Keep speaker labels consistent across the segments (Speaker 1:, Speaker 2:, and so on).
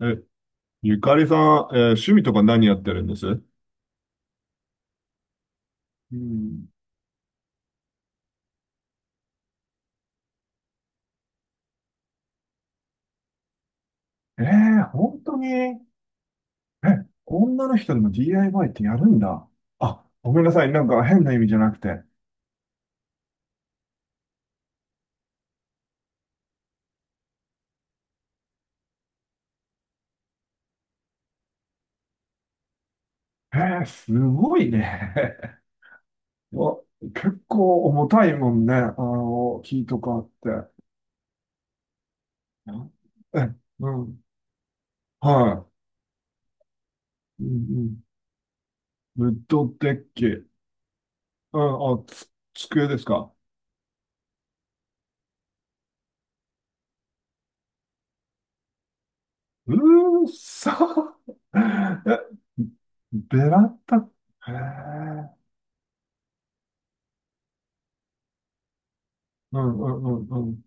Speaker 1: え、ゆかりさん、趣味とか何やってるんです？うん。ええ本当に、女の人でも DIY ってやるんだ。あ、ごめんなさい。なんか変な意味じゃなくて。ええすごいね。わ、結構重たいもんね。あの、木とかって。え、うん。はい。うんうん。ウッドデッキ。うん、あ、机ですか？うーそ。 え、ベランダ、へえ、うんうんうん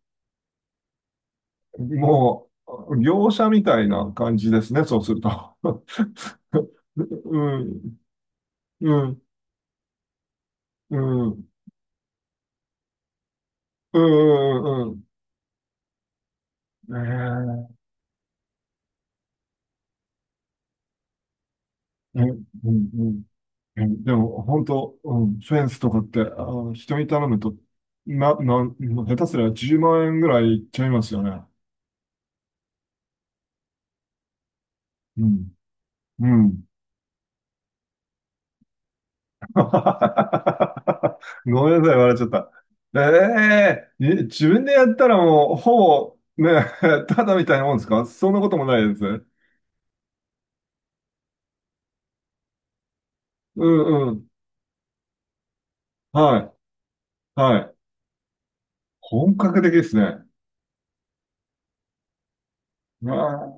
Speaker 1: うん。もう、業者みたいな感じですね、そうすると。うん、うん、うん、うん、うん、うん。ねえ、うん、うん、うん。でも、本当、うん、フェンスとかって、人に頼むと、もう下手すりゃ10万円ぐらいいっちゃいますよね。うん、うん。ごめんなさい、笑っちゃった。ええに自分でやったらもう、ほぼ、ね、ただみたいなもんですか？そんなこともないですね。うんうん。はい。はい。本格的ですね。うわ、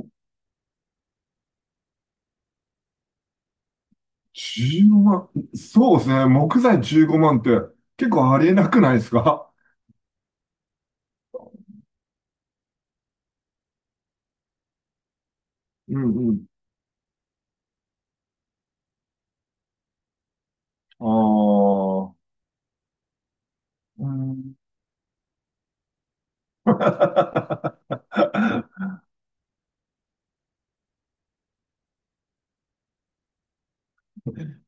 Speaker 1: 万。そうですね。木材15万って結構ありえなくないですか？うんうん。ああ。うん。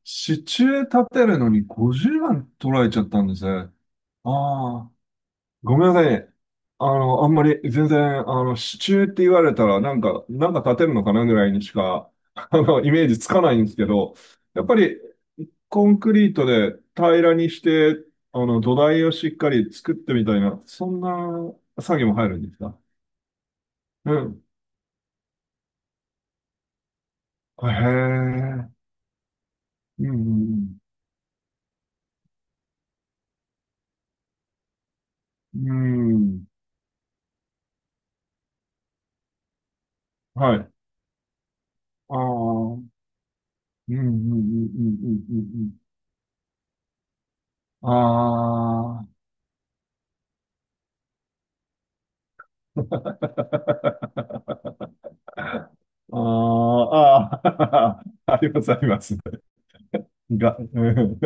Speaker 1: 支柱立てるのに50万取られちゃったんですね。ああ。ごめんなさいね。あんまり全然、支柱って言われたら、なんか立てるのかなぐらいにしか、イメージつかないんですけど、やっぱり、コンクリートで平らにして、土台をしっかり作ってみたいな、そんな作業も入るんですか？うん。へえ。うん、うん、うん。うん、はい。ああ。うん、うん、うん、うん、うん、うん。うん、ああ。ああ、ああ、あります、あります。うん、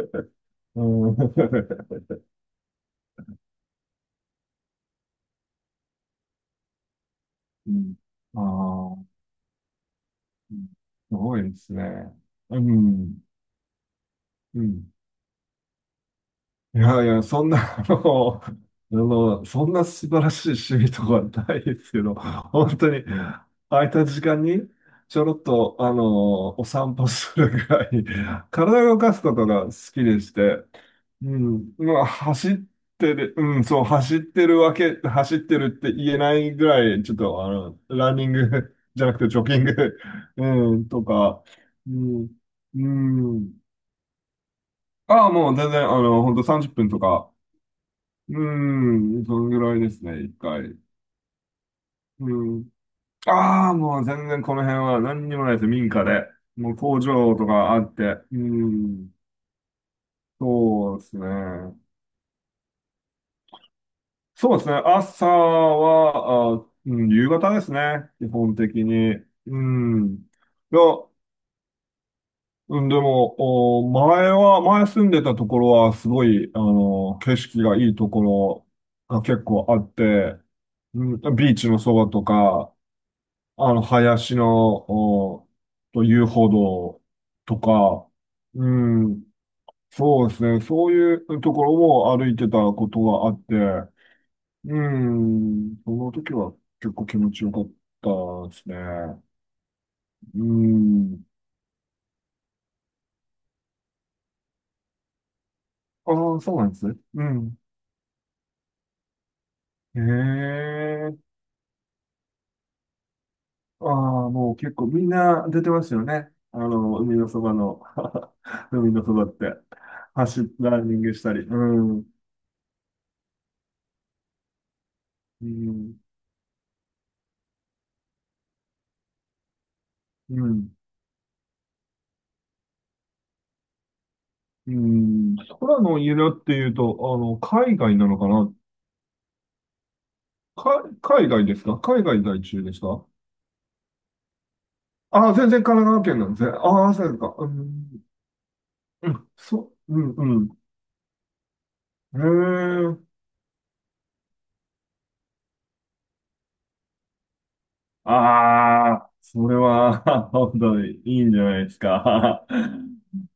Speaker 1: うん、ああ、うん、すごいですね。うん、うん。いやいや、そんな、そんな素晴らしい趣味とかはないですけど、本当に、空いた時間に、ちょろっと、お散歩するぐらい、体を動かすことが好きでして、うん。まあ、走ってる、うん、そう、走ってるわけ、走ってるって言えないぐらい、ちょっと、ランニング じゃなくて、ジョギング うん、とか、うん、うん。ああ、もう全然、ほんと30分とか、うん、そのぐらいですね、一回。うん。ああ、もう全然この辺は何にもないです、民家で。もう工場とかあって、うん、そうですね。そうですね。朝は、あ、うん、夕方ですね。基本的に。うん。いや、うん、でも、前住んでたところは、すごい、景色がいいところが結構あって、うん、ビーチのそばとか、林の、お、と遊歩道とか、うん、そうですね。そういうところも歩いてたことがあって、うーん、その時は結構気持ちよかったですね。うーん。ああ、そうなんですね。うん。へえ。ああ、もう結構みんな出てますよね。海のそばの、海のそばって、ランニングしたり。うん。うん。うん。うん。空の家だっていうと、海外なのかな？海外ですか？海外在住ですか？ああ、全然神奈川県なんですね。ああ、そうですか。うん。うん、そう、うん、うん。へえ。ああ、それは、本当にいいんじゃないですか。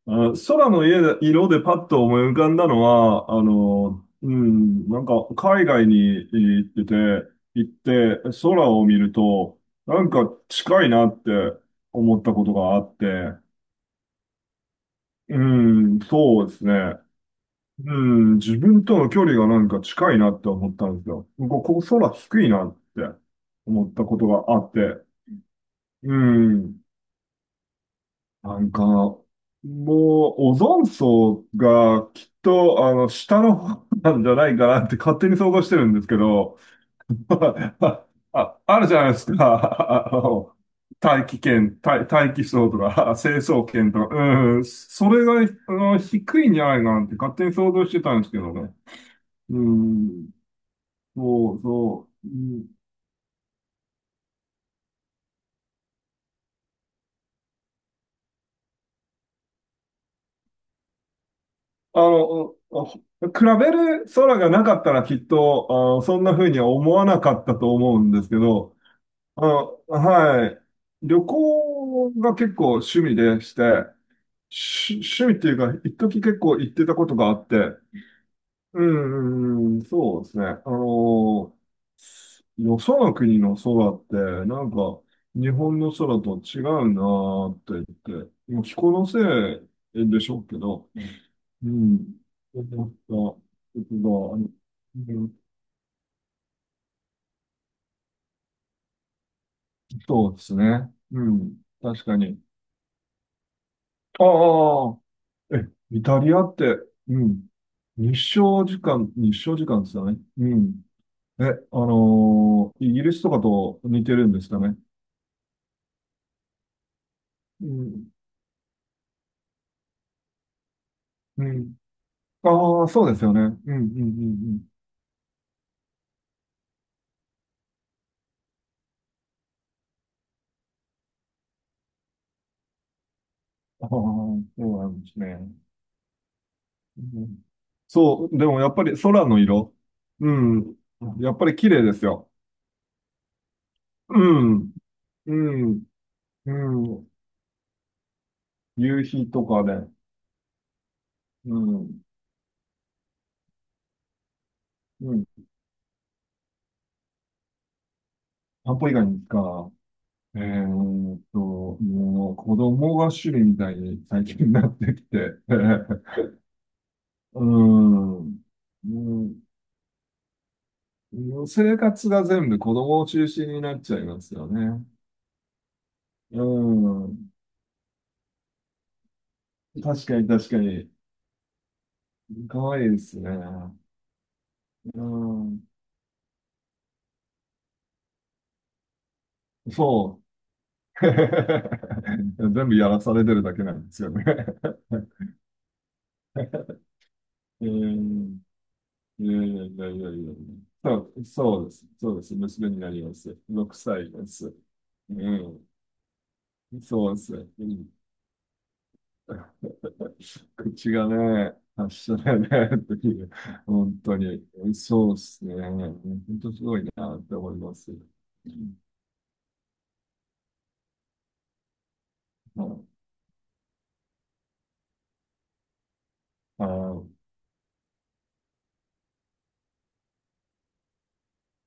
Speaker 1: あ、空の家で色でパッと思い浮かんだのは、うん、なんか海外に行ってて、行って空を見ると、なんか近いなって思ったことがあって、うん、そうですね。うん、自分との距離がなんか近いなって思ったんですよ。ここ空低いなって思ったことがあって。うん。なんか、もう、オゾン層がきっと、下の方なんじゃないかなって勝手に想像してるんですけど、あ、あるじゃないですか。大気圏、大気層とか、成層圏とか、うん、それが、低いんじゃないかなって勝手に想像してたんですけどね。うん。そうそう。うん、あの、あ比べる空がなかったらきっと、そんな風には思わなかったと思うんですけど、はい。旅行が結構趣味でして、趣味っていうか、一時結構行ってたことがあって、うん、うん、そうですね。よその国の空って、なんか、日本の空と違うなーって言って、もう気候のせいでしょうけど、うん。ちょっと、ちょっと、うん、そうですね。うん。確かに。ああ、え、イタリアって？うん。日照時間ですよね。うん。え、イギリスとかと似てるんですかね？うん。うん。ああ、そうですよね。うん、うん、うん、うん。ああ、そうなんですね。うん、そう、でもやっぱり空の色。うん。やっぱり綺麗ですよ。うん。うん。うん。夕日とかで、うん。うん。散歩以外にですか？えーっと、もう子供が主類みたいに最近になってきて、うん。うん。生活が全部子供を中心になっちゃいますよね。うん。確かに確かに。可愛いですね。うん。そう。全部やらされてるだけなんですよね。うん、いやいやいやいやいやいや。そう、そうです。そうです。娘になります。6歳です。うん。そうです。うん。口がね、発症だね、っていう。本当に。そうですね。本当すごいなって思います。うん、はい。